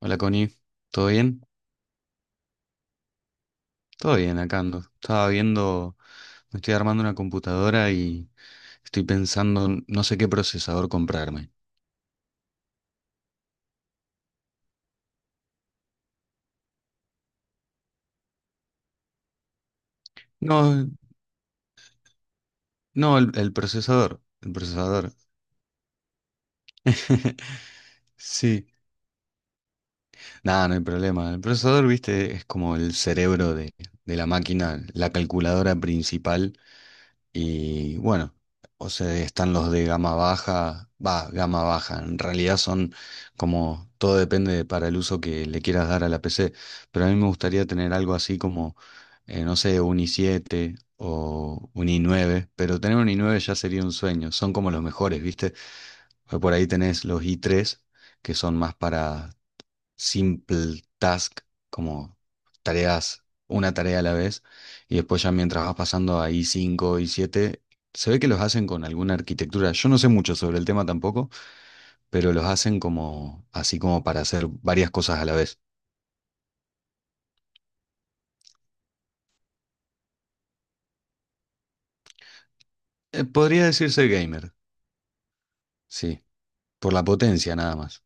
Hola Connie, ¿todo bien? Todo bien, acá ando. Estaba viendo, me estoy armando una computadora y estoy pensando, en no sé qué procesador comprarme. No, no, el procesador, el procesador. Sí, nada, no hay problema. El procesador, viste, es como el cerebro de la máquina, la calculadora principal. Y bueno, o sea, están los de gama baja, va, gama baja. En realidad son como, para el uso que le quieras dar a la PC. Pero a mí me gustaría tener algo así como, no sé, un i siete o un i nueve. Pero tener un i nueve ya sería un sueño. Son como los mejores, ¿viste? Porque por ahí tenés los i tres que son más para simple task, como tareas, una tarea a la vez, y después ya mientras vas pasando a I5, I7, se ve que los hacen con alguna arquitectura. Yo no sé mucho sobre el tema tampoco, pero los hacen como así como para hacer varias cosas a la vez. Podría decirse gamer, sí, por la potencia nada más.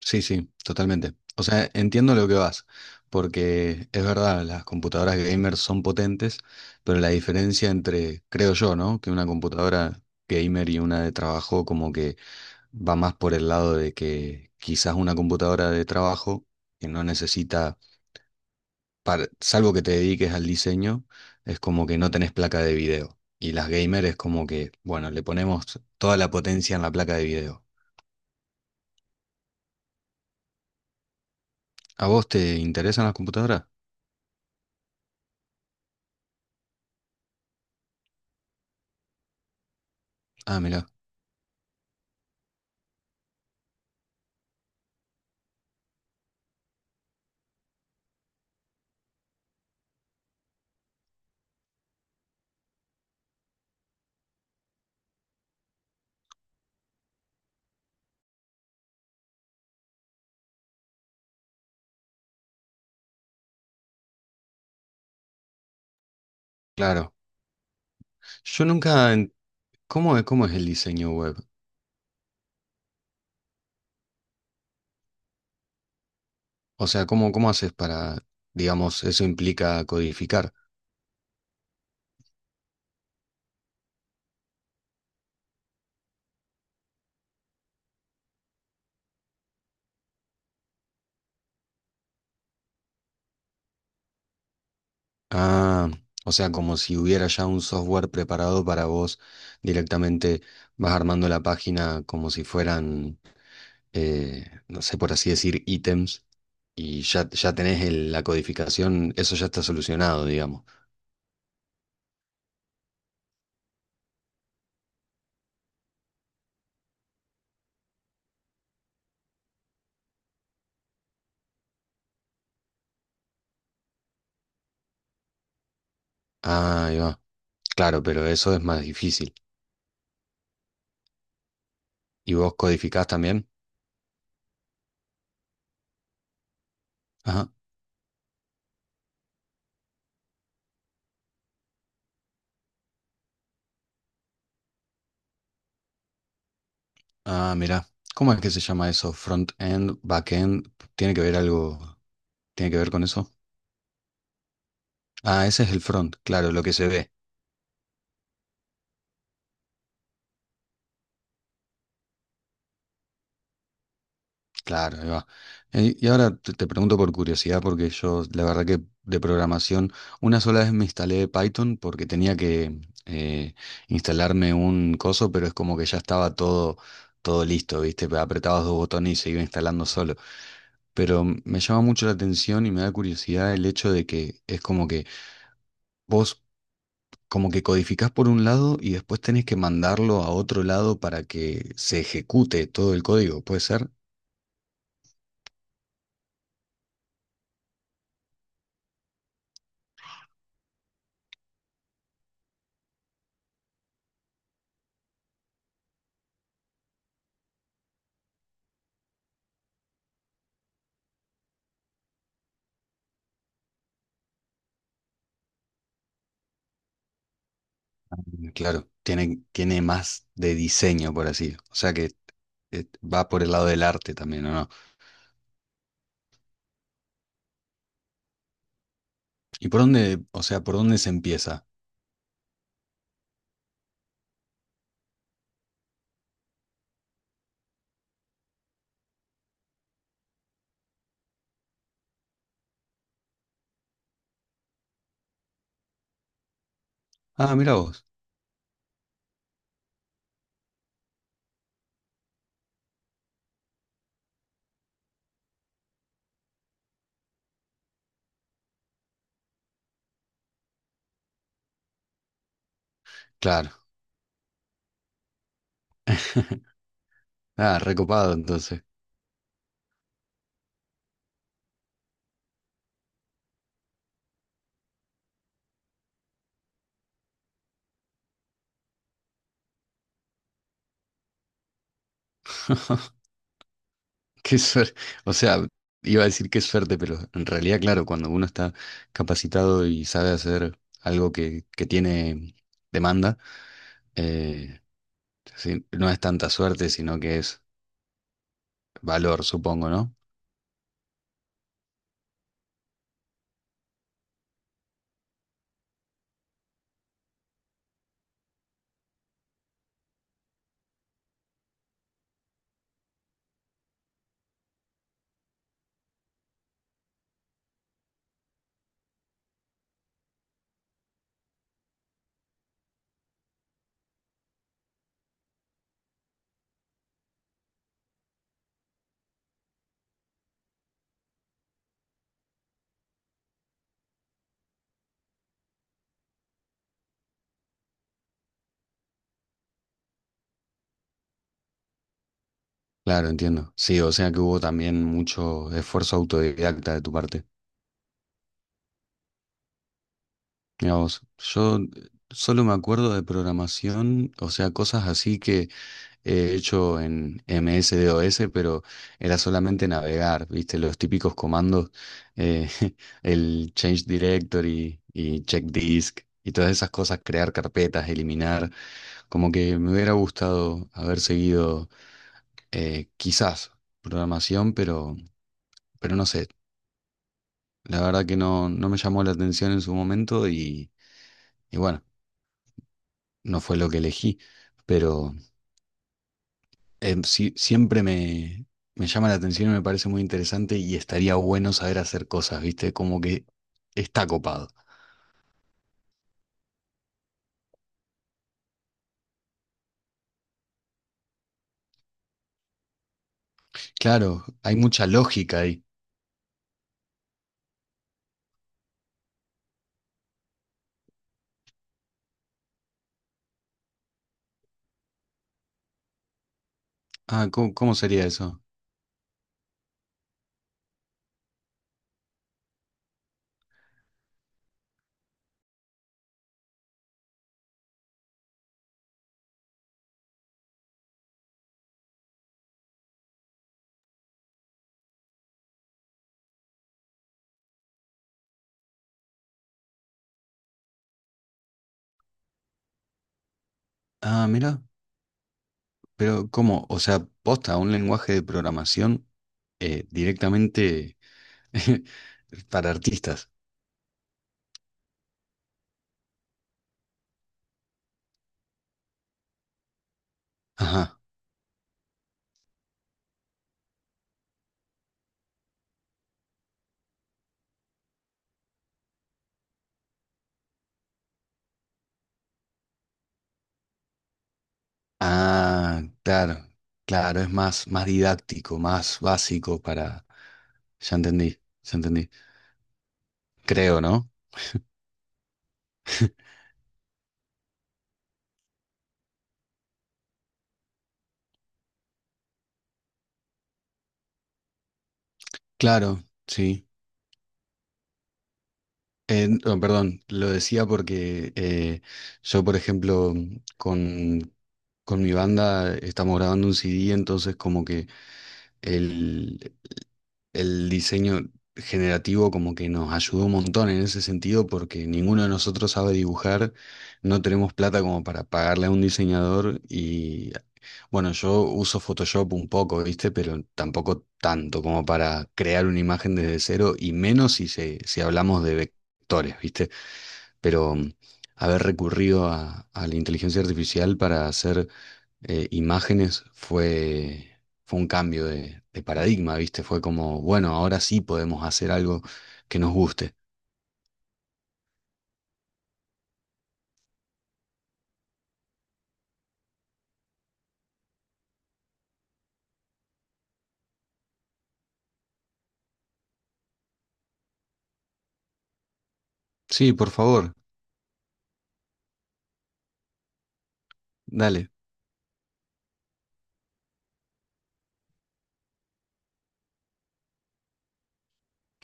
Sí, sí, totalmente. O sea, entiendo lo que vas, porque es verdad, las computadoras gamer son potentes, pero la diferencia entre, creo yo, ¿no? Que una computadora gamer y una de trabajo como que va más por el lado de que quizás una computadora de trabajo que no necesita, salvo que te dediques al diseño, es como que no tenés placa de video. Y las gamer es como que, bueno, le ponemos toda la potencia en la placa de video. ¿A vos te interesan las computadoras? Ah, mira. Claro. Yo nunca... en- cómo es el diseño web? O sea, ¿cómo, cómo haces para, digamos, eso implica codificar? Ah, o sea, como si hubiera ya un software preparado para vos directamente vas armando la página como si fueran, no sé, por así decir, ítems y ya, ya tenés la codificación, eso ya está solucionado, digamos. Ah, ahí va. Claro, pero eso es más difícil. ¿Y vos codificás también? Ajá. Ah, mira, ¿cómo es que se llama eso? Front-end, back-end, ¿tiene que ver algo? ¿Tiene que ver con eso? Ah, ese es el front, claro, lo que se ve. Claro, ahí va. Y ahora te pregunto por curiosidad, porque yo la verdad que de programación, una sola vez me instalé Python porque tenía que instalarme un coso, pero es como que ya estaba todo, todo listo, ¿viste? Apretabas dos botones y se iba instalando solo. Pero me llama mucho la atención y me da curiosidad el hecho de que es como que... Vos como que codificás por un lado y después tenés que mandarlo a otro lado para que se ejecute todo el código, ¿puede ser? Mm, claro, tiene, tiene más de diseño, por así. O sea que va por el lado del arte también, ¿o no? ¿Y por dónde, o sea, por dónde se empieza? Ah, mira vos. Claro. Ah, recopado entonces. Qué suerte. O sea, iba a decir qué suerte, pero en realidad, claro, cuando uno está capacitado y sabe hacer algo que tiene demanda, eh, sí, no es tanta suerte, sino que es valor, supongo, ¿no? Claro, entiendo. Sí, o sea que hubo también mucho esfuerzo autodidacta de tu parte. Mira vos, yo solo me acuerdo de programación, o sea, cosas así que he hecho en MS-DOS, pero era solamente navegar, ¿viste? Los típicos comandos, eh, el change directory y check disk y todas esas cosas, crear carpetas, eliminar. Como que me hubiera gustado haber seguido quizás programación, pero no sé. La verdad que no, no me llamó la atención en su momento y bueno, no fue lo que elegí, pero siempre me, me llama la atención y me parece muy interesante y estaría bueno saber hacer cosas, ¿viste? Como que está copado. Claro, hay mucha lógica ahí. Ah, ¿cómo, cómo sería eso? Ah, mira, pero ¿cómo? O sea, posta, ¿un lenguaje de programación directamente para artistas? Ajá. Ah, claro, claro, es más, más didáctico, más básico para... Ya entendí, ya entendí. Creo, ¿no? Claro, sí. No, perdón, lo decía porque yo, por ejemplo, con, con mi banda estamos grabando un CD, entonces como que el, el diseño generativo como que nos ayudó un montón en ese sentido porque ninguno de nosotros sabe dibujar, no tenemos plata como para pagarle a un diseñador. Y bueno, yo uso Photoshop un poco, ¿viste? Pero tampoco tanto como para crear una imagen desde cero y menos si, se, si hablamos de vectores, ¿viste? Pero mm, haber recurrido a la inteligencia artificial para hacer imágenes fue, fue un cambio de paradigma, ¿viste? Fue como, bueno, ahora sí podemos hacer algo que nos guste. Sí, por favor, dale.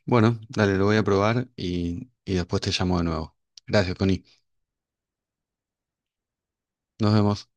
Bueno, dale, lo voy a probar y después te llamo de nuevo. Gracias, Connie. Nos vemos.